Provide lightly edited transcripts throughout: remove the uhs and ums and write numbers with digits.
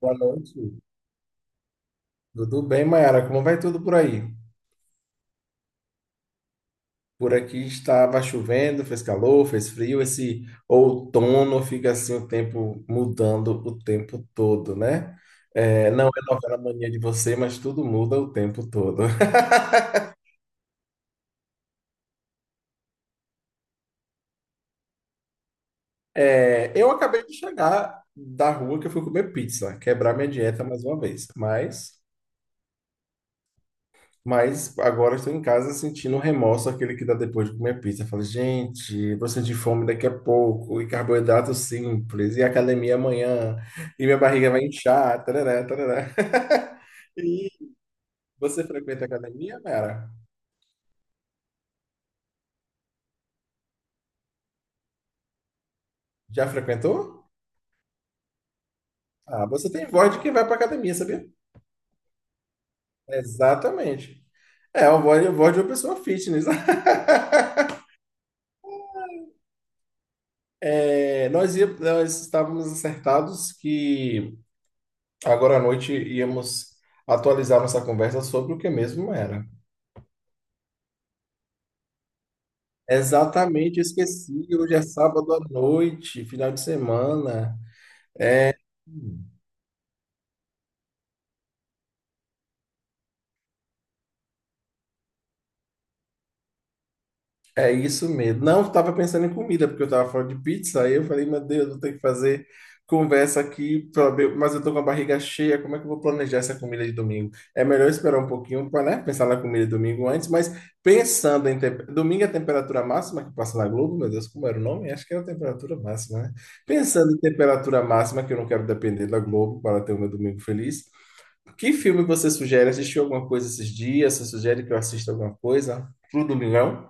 Boa noite. Tudo bem, Mayara? Como vai tudo por aí? Por aqui estava chovendo, fez calor, fez frio. Esse outono fica assim o tempo mudando o tempo todo, né? É, não é novela mania de você, mas tudo muda o tempo todo. É, eu acabei de chegar da rua que eu fui comer pizza, quebrar minha dieta mais uma vez. Mas agora estou em casa sentindo o remorso, aquele que dá depois de comer pizza. Eu falo, gente, vou sentir fome daqui a pouco, e carboidrato simples, e academia amanhã, e minha barriga vai inchar, tarará, tarará. E você frequenta academia, Mara? Já frequentou? Ah, você tem voz de quem vai para academia, sabia? Exatamente. É, a voz de uma pessoa fitness. É, nós estávamos acertados que agora à noite íamos atualizar nossa conversa sobre o que mesmo era. Exatamente, eu esqueci. Hoje é sábado à noite, final de semana. É isso mesmo. Não, eu tava pensando em comida, porque eu tava falando de pizza, aí eu falei, meu Deus, vou ter que fazer conversa aqui, mas eu tô com a barriga cheia, como é que eu vou planejar essa comida de domingo? É melhor esperar um pouquinho para, né, pensar na comida de domingo antes, mas pensando em domingo é a temperatura máxima que passa na Globo, meu Deus, como era o nome? Acho que era a temperatura máxima, né? Pensando em temperatura máxima, que eu não quero depender da Globo para ter o meu domingo feliz, que filme você sugere? Assistiu alguma coisa esses dias? Você sugere que eu assista alguma coisa pro domingão?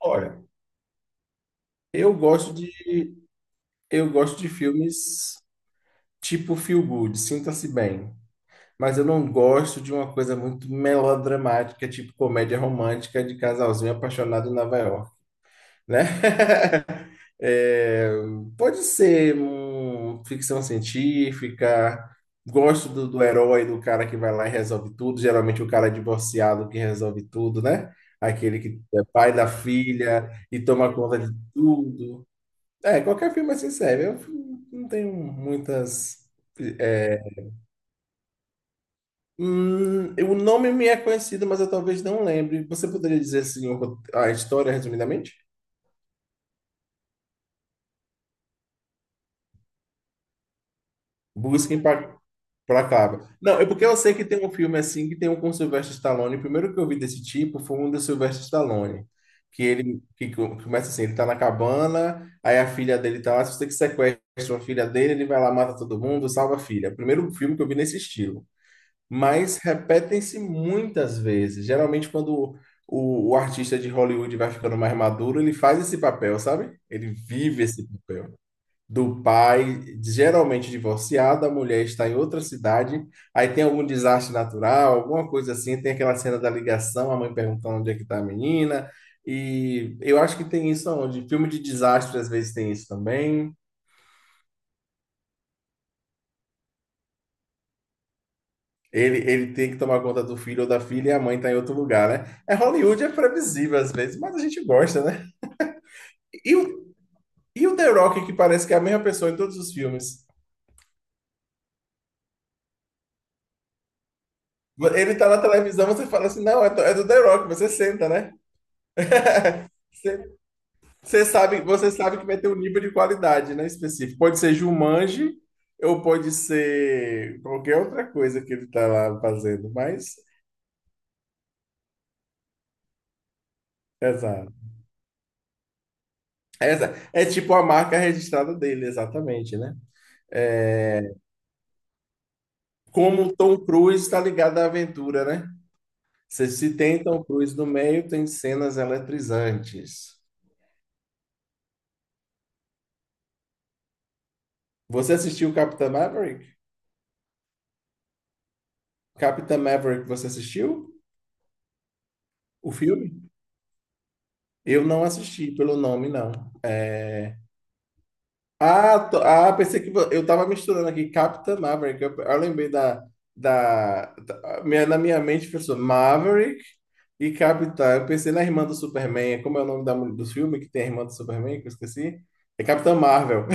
Olha, Eu gosto de, eu gosto de filmes tipo feel good, sinta-se bem. Mas eu não gosto de uma coisa muito melodramática, tipo comédia romântica de casalzinho apaixonado em Nova York, né? É, pode ser um, ficção científica. Gosto do herói, do cara que vai lá e resolve tudo. Geralmente o cara é divorciado que resolve tudo, né? Aquele que é pai da filha e toma conta de tudo. É, qualquer filme é assim serve. Eu não tenho muitas. É, o nome me é conhecido, mas eu talvez não lembre. Você poderia dizer assim a história resumidamente? Busquem pra Placável. Não, é porque eu sei que tem um filme assim que tem um com Sylvester Stallone. O primeiro que eu vi desse tipo foi um do Sylvester Stallone. Que ele que começa assim, ele tá na cabana, aí a filha dele tá lá, se você que sequestra a filha dele, ele vai lá, mata todo mundo, salva a filha. Primeiro filme que eu vi nesse estilo. Mas repetem-se muitas vezes. Geralmente, quando o artista de Hollywood vai ficando mais maduro, ele faz esse papel, sabe? Ele vive esse papel. Do pai, geralmente divorciado, a mulher está em outra cidade, aí tem algum desastre natural, alguma coisa assim, tem aquela cena da ligação, a mãe perguntando onde é que está a menina, e eu acho que tem isso onde filme de desastre às vezes tem isso também. Ele tem que tomar conta do filho ou da filha e a mãe tá em outro lugar, né? É Hollywood, é previsível às vezes, mas a gente gosta, né? E o, e o The Rock, que parece que é a mesma pessoa em todos os filmes. Ele tá na televisão, você fala assim, não, é do The Rock, você senta, né? Você, você sabe que vai ter um nível de qualidade, né, específico. Pode ser Jumanji ou pode ser qualquer outra coisa que ele tá lá fazendo, mas... É exato. Essa é tipo a marca registrada dele, exatamente, né? É, como o Tom Cruise está ligado à aventura, né? Se tem Tom Cruise no meio, tem cenas eletrizantes. Você assistiu Capitã Maverick? Capitã Maverick, você assistiu o filme? Eu não assisti pelo nome, não. É. Ah, pensei que eu tava misturando aqui Capitã Maverick. Eu lembrei na minha mente pensou Maverick e Capitã. Eu pensei na irmã do Superman. Como é o nome do filme que tem a irmã do Superman que eu esqueci? É Capitã Marvel.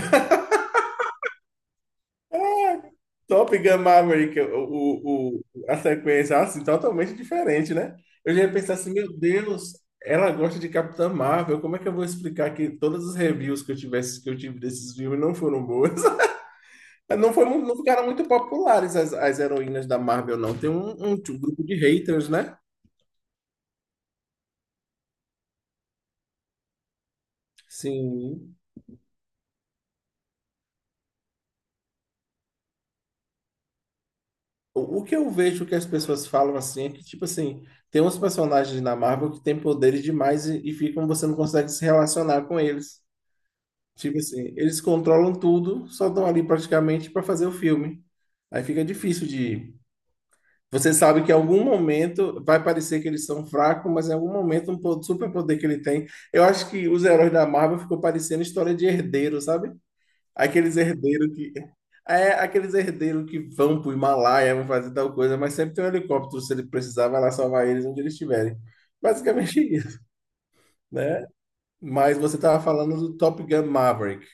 Top Gun Maverick, a sequência, assim, totalmente diferente, né? Eu já ia pensar assim, meu Deus, ela gosta de Capitã Marvel, como é que eu vou explicar que todas as reviews que eu tivesse, que eu tive desses filmes não foram boas? Não foram, não ficaram muito populares as heroínas da Marvel, não. Tem um grupo de haters, né? Sim. O que eu vejo que as pessoas falam assim é que, tipo assim, tem uns personagens na Marvel que têm poderes demais e ficam, você não consegue se relacionar com eles. Tipo assim, eles controlam tudo, só estão ali praticamente para fazer o filme. Aí fica difícil de. Você sabe que em algum momento vai parecer que eles são fracos, mas em algum momento um superpoder que ele tem. Eu acho que os heróis da Marvel ficou parecendo história de herdeiro, sabe? Aqueles herdeiros que. É, aqueles herdeiros que vão pro Himalaia, vão fazer tal coisa, mas sempre tem um helicóptero, se ele precisar, vai lá salvar eles onde eles estiverem. Basicamente isso, né? Mas você estava falando do Top Gun Maverick.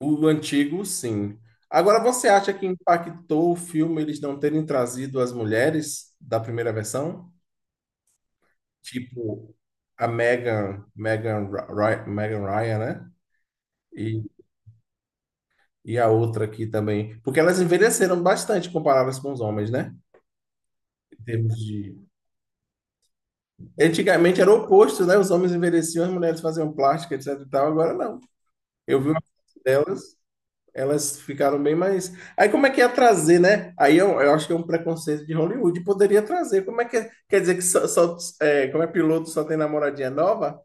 O antigo, sim. Agora, você acha que impactou o filme eles não terem trazido as mulheres da primeira versão? Tipo, a Megan Megan Ryan, né? E, e a outra aqui também. Porque elas envelheceram bastante comparadas com os homens, né? Em termos de... Antigamente era o oposto, né? Os homens envelheciam, as mulheres faziam plástica, etc e tal. Agora não. Eu vi uma foto delas. Elas ficaram bem mais. Aí como é que ia trazer, né? Aí eu acho que é um preconceito de Hollywood. Poderia trazer. Como é que. É? Quer dizer que é, como é piloto só tem namoradinha nova?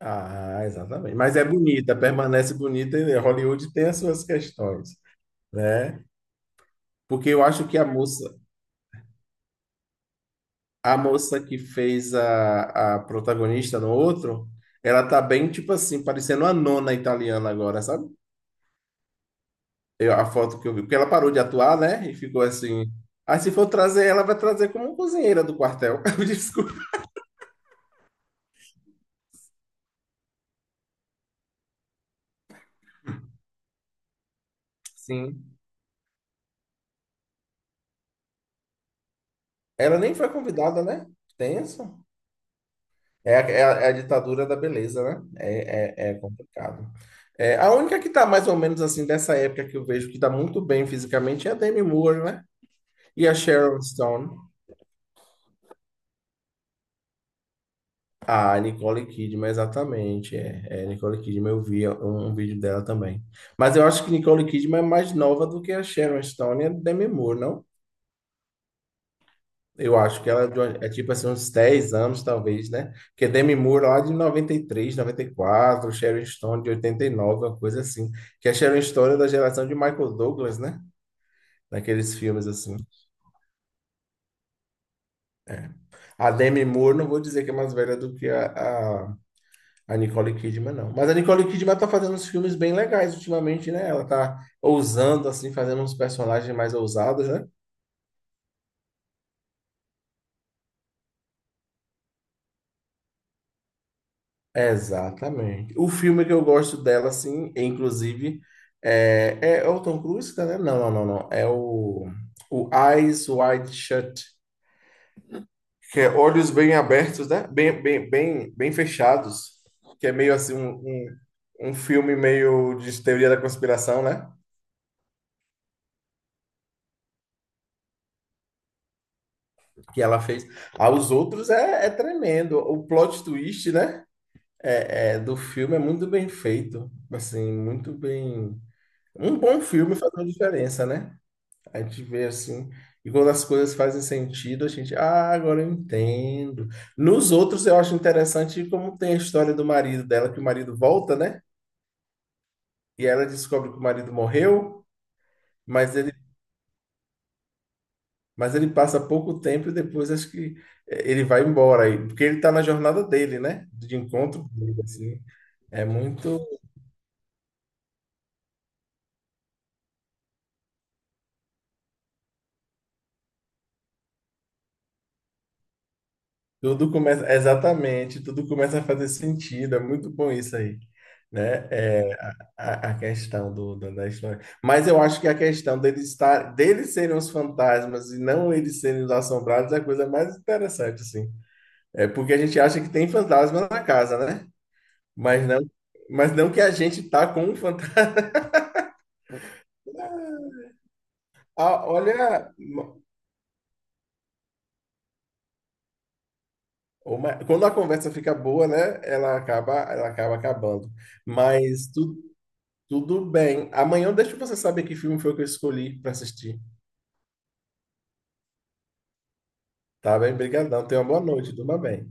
Ah, exatamente. Mas é bonita, permanece bonita. E Hollywood tem as suas questões, né? Porque eu acho que a moça que fez a protagonista no outro, ela tá bem, tipo assim, parecendo a nona italiana agora, sabe? A foto que eu vi, porque ela parou de atuar, né? E ficou assim. Ah, se for trazer ela, vai trazer como cozinheira do quartel. Eu desculpa. Sim. Ela nem foi convidada, né? Tenso. É, a- é, a é a ditadura da beleza, né? É complicado. É, a única que tá mais ou menos assim dessa época que eu vejo que tá muito bem fisicamente é a Demi Moore, né? E a Sharon Stone. Ah, Nicole Kidman, exatamente. É, é, Nicole Kidman, eu vi um vídeo dela também. Mas eu acho que Nicole Kidman é mais nova do que a Sharon Stone e a Demi Moore, não? Eu acho que ela é, é tipo assim, uns 10 anos, talvez, né? Porque Demi Moore lá de noventa noventa e três, noventa e quatro, Sharon Stone de 89, uma coisa assim. Que a Sharon Stone é da geração de Michael Douglas, né? Naqueles filmes assim. A Demi Moore, não vou dizer que é mais velha do que a A Nicole Kidman não. Mas a Nicole Kidman tá fazendo uns filmes bem legais ultimamente, né? Ela tá ousando, assim, fazendo uns personagens mais ousados, né? Exatamente. O filme que eu gosto dela, assim, é, inclusive, é, é o Tom Cruise, né? Não, não, não, não. É o Eyes Wide Shut, que é olhos bem abertos, né? Bem, bem, bem, bem fechados, que é meio assim um filme meio de teoria da conspiração, né? Que ela fez. Aos outros é, é tremendo. O plot twist, né? É, é, do filme é muito bem feito. Assim, muito bem. Um bom filme faz uma diferença, né? A gente vê assim. E quando as coisas fazem sentido, a gente, ah, agora eu entendo. Nos outros, eu acho interessante como tem a história do marido dela, que o marido volta, né? E ela descobre que o marido morreu, mas ele Mas ele passa pouco tempo e depois acho que ele vai embora aí, porque ele está na jornada dele, né? De encontro dele, assim. É muito. Tudo começa. Exatamente, tudo começa a fazer sentido. É muito bom isso aí, né? É, a questão da história. Mas eu acho que a questão deles serem os fantasmas e não eles serem os assombrados é a coisa mais interessante, assim. É porque a gente acha que tem fantasma na casa, né? Mas não, mas não que a gente tá com um fantasma Ah, olha, quando a conversa fica boa, né? Ela acaba acabando. Mas tudo bem. Amanhã eu deixo você saber que filme foi que eu escolhi para assistir. Tá bem? Obrigadão. Tenha uma boa noite. Tudo bem.